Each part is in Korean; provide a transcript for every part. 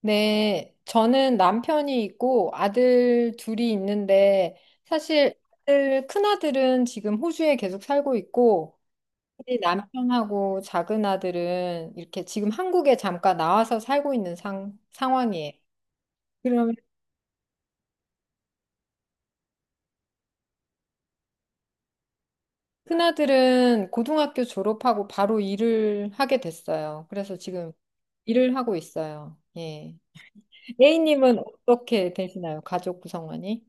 네, 저는 남편이 있고 아들 둘이 있는데 사실 아들, 큰아들은 지금 호주에 계속 살고 있고 우리 남편하고 작은 아들은 이렇게 지금 한국에 잠깐 나와서 살고 있는 상황이에요. 그러면 큰아들은 고등학교 졸업하고 바로 일을 하게 됐어요. 그래서 지금 일을 하고 있어요. 예. A님은 어떻게 되시나요? 가족 구성원이?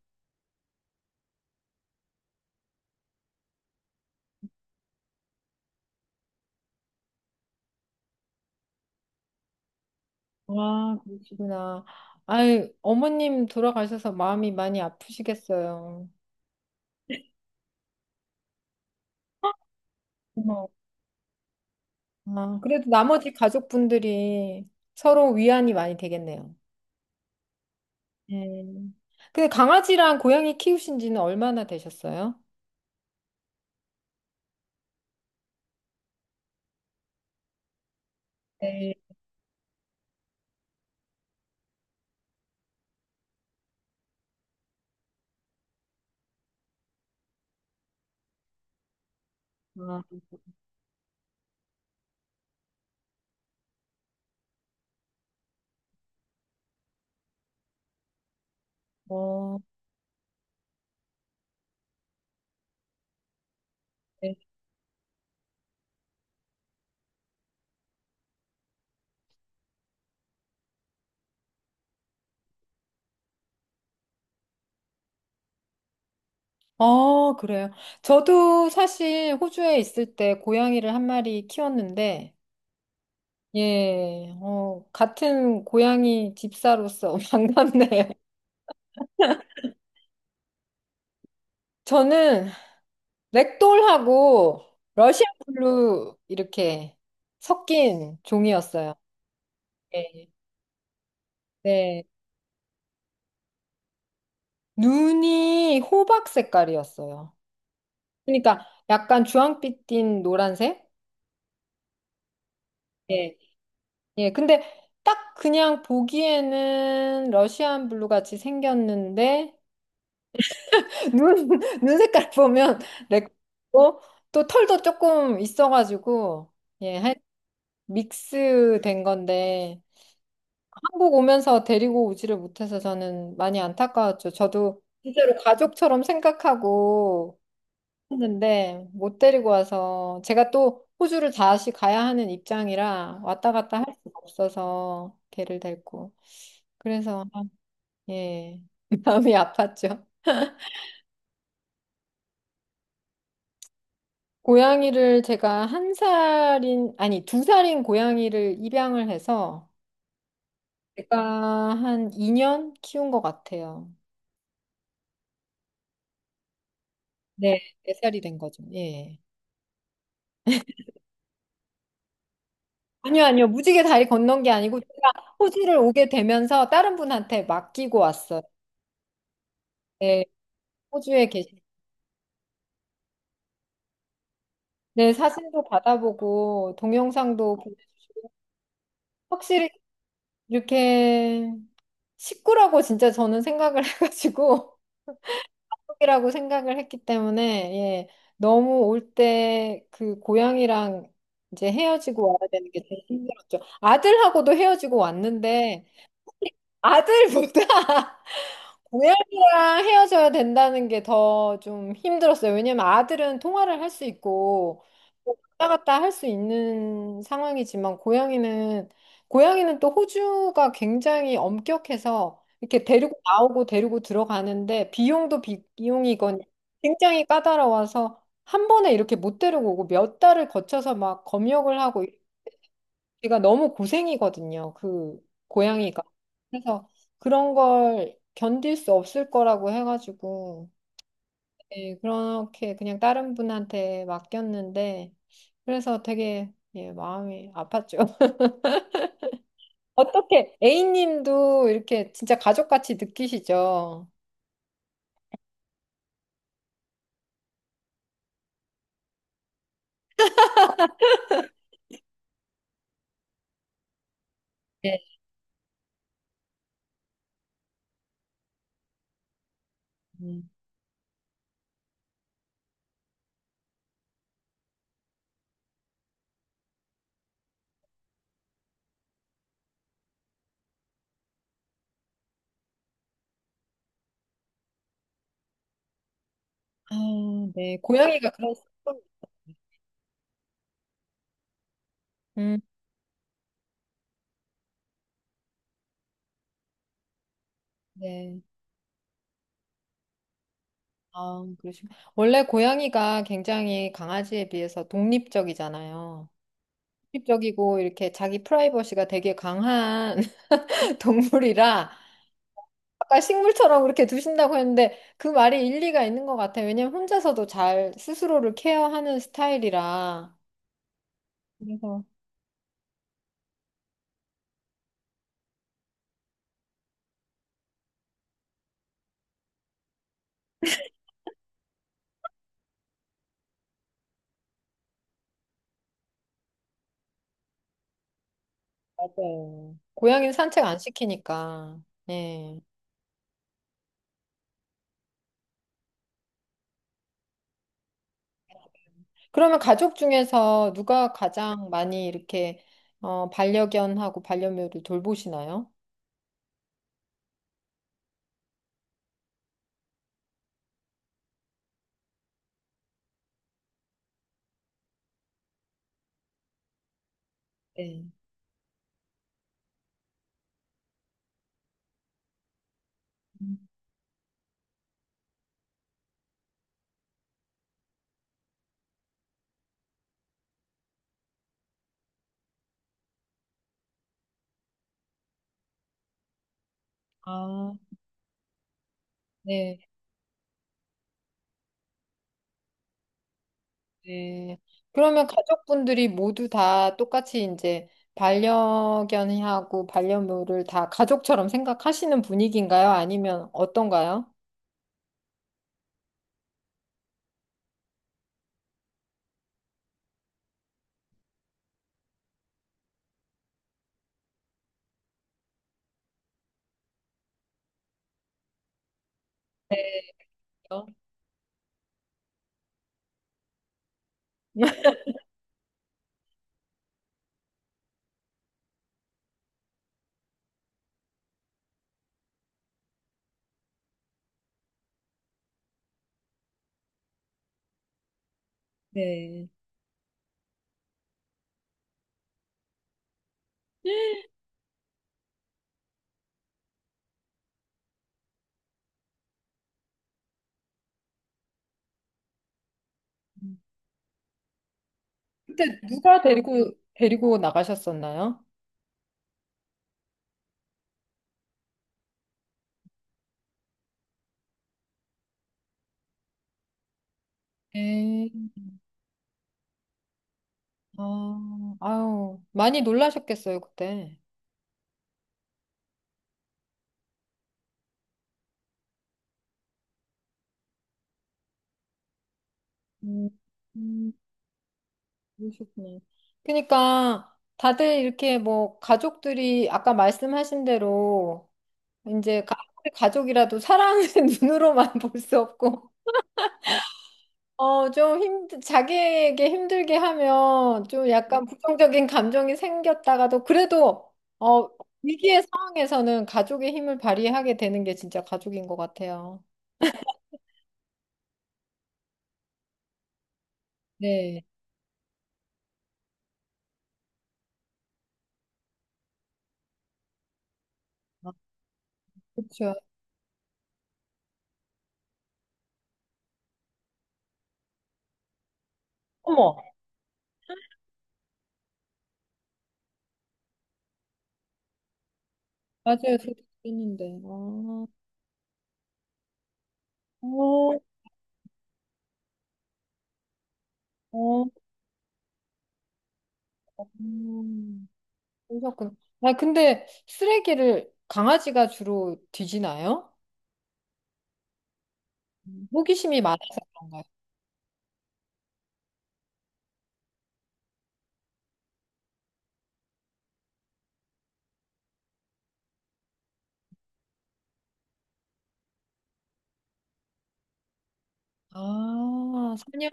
와, 그러시구나. 아이, 어머님 돌아가셔서 마음이 많이 아프시겠어요. 고마워. 아, 그래도 나머지 가족분들이 서로 위안이 많이 되겠네요. 네. 근데 강아지랑 고양이 키우신 지는 얼마나 되셨어요? 네. 아, 어, 네. 어, 그래요. 저도 사실 호주에 있을 때 고양이를 한 마리 키웠는데, 예, 어, 같은 고양이 집사로서 반갑네요. 저는 렉돌하고 러시안 블루 이렇게 섞인 종이었어요. 네. 네. 눈이 호박 색깔이었어요. 그러니까 약간 주황빛 띤 노란색? 예. 예. 근데 딱 그냥 보기에는 러시안 블루 같이 생겼는데 눈, 눈 색깔 보면 렉돌고 또 털도 조금 있어가지고 예, 한 믹스 된 건데 한국 오면서 데리고 오지를 못해서 저는 많이 안타까웠죠. 저도 진짜로 가족처럼 생각하고 했는데 못 데리고 와서 제가 또 호주를 다시 가야 하는 입장이라 왔다 갔다 할 수가 없어서 걔를 데리고. 그래서 예, 마음이 아팠죠. 고양이를 제가 한 살인, 아니 두 살인 고양이를 입양을 해서 제가 한 2년 키운 것 같아요. 네, 4살이 된 거죠. 예. 아니요, 아니요. 무지개 다리 건넌 게 아니고 제가 호주를 오게 되면서 다른 분한테 맡기고 왔어요. 네, 호주에 계신. 네, 사진도 받아보고 동영상도 보내주시고 확실히 이렇게 식구라고 진짜 저는 생각을 해가지고 이라고 생각을 했기 때문에 예, 너무 올 때 그 고향이랑 이제 헤어지고 와야 되는 게 제일 힘들었죠. 아들하고도 헤어지고 왔는데 아들보다 고양이랑 헤어져야 된다는 게 더 좀 힘들었어요. 왜냐면 아들은 통화를 할 수 있고 뭐 왔다 갔다 할 수 있는 상황이지만 고양이는 고양이는 또 호주가 굉장히 엄격해서 이렇게 데리고 나오고 데리고 들어가는데 비용도 비용이건 굉장히 까다로워서 한 번에 이렇게 못 데리고 오고 몇 달을 거쳐서 막 검역을 하고 제가 너무 고생이거든요. 그 고양이가. 그래서 그런 걸 견딜 수 없을 거라고 해가지고 예, 그렇게 그냥 다른 분한테 맡겼는데 그래서 되게 예, 마음이 아팠죠. 어떻게 A님도 이렇게 진짜 가족같이 느끼시죠? 네. 음. 아, 네. 고양이가 그런 슬픔이 음, 네. 아, 그러시고. 원래 고양이가 굉장히 강아지에 비해서 독립적이잖아요. 독립적이고 이렇게 자기 프라이버시가 되게 강한 동물이라 아까 식물처럼 그렇게 두신다고 했는데 그 말이 일리가 있는 것 같아요. 왜냐면 혼자서도 잘 스스로를 케어하는 스타일이라. 그래서 맞아요. 고양이는 산책 안 시키니까. 예. 그러면 가족 중에서 누가 가장 많이 이렇게 어, 반려견하고 반려묘를 돌보시나요? 네. 음. 아, 네. 네. 그러면 가족분들이 모두 다 똑같이 이제 반려견하고 반려묘를 다 가족처럼 생각하시는 분위기인가요? 아니면 어떤가요? 어. 네. 근데 누가 데리고 나가셨었나요? 네. 아, 아유, 많이 놀라셨겠어요, 그때. 음, 음, 그러셨구나. 그러니까 다들 이렇게 뭐 가족들이 아까 말씀하신 대로 이제 가족이라도 사랑은 눈으로만 볼 수 없고 어 좀 힘 자기에게 힘들게 하면 좀 약간 부정적인 감정이 생겼다가도 그래도 어 위기의 상황에서는 가족의 힘을 발휘하게 되는 게 진짜 가족인 것 같아요. 네, 아, 그렇죠. 어머, 맞아요. 저도 그랬는데. 어, 어, 어, 음, 그러셨구나. 아, 근데 쓰레기를 강아지가 주로 뒤지나요? 호기심이 많아서 아, 선녀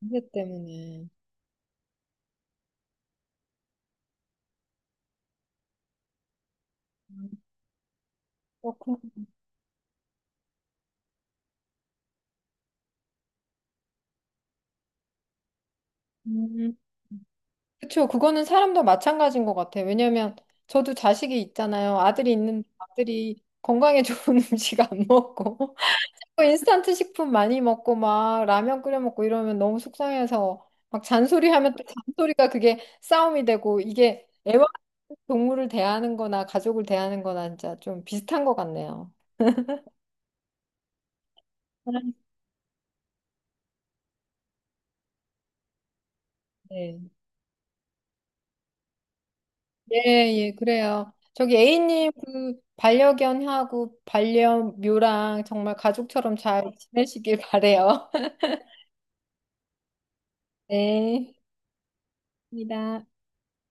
관계 때문에. 음, 그렇구나. 음. 그쵸. 그거는 사람도 마찬가지인 것 같아요. 왜냐면 저도 자식이 있잖아요. 아들이 있는데 아들이 건강에 좋은 음식 안 먹고 뭐 인스턴트 식품 많이 먹고 막 라면 끓여 먹고 이러면 너무 속상해서 막 잔소리하면 또 잔소리가 그게 싸움이 되고 이게 애완 동물을 대하는 거나 가족을 대하는 거나 진짜 좀 비슷한 것 같네요. 네. 예, 예, 그래요. 저기 A님 그 반려견하고 반려묘랑 정말 가족처럼 잘 지내시길 바래요. 네, 입니다.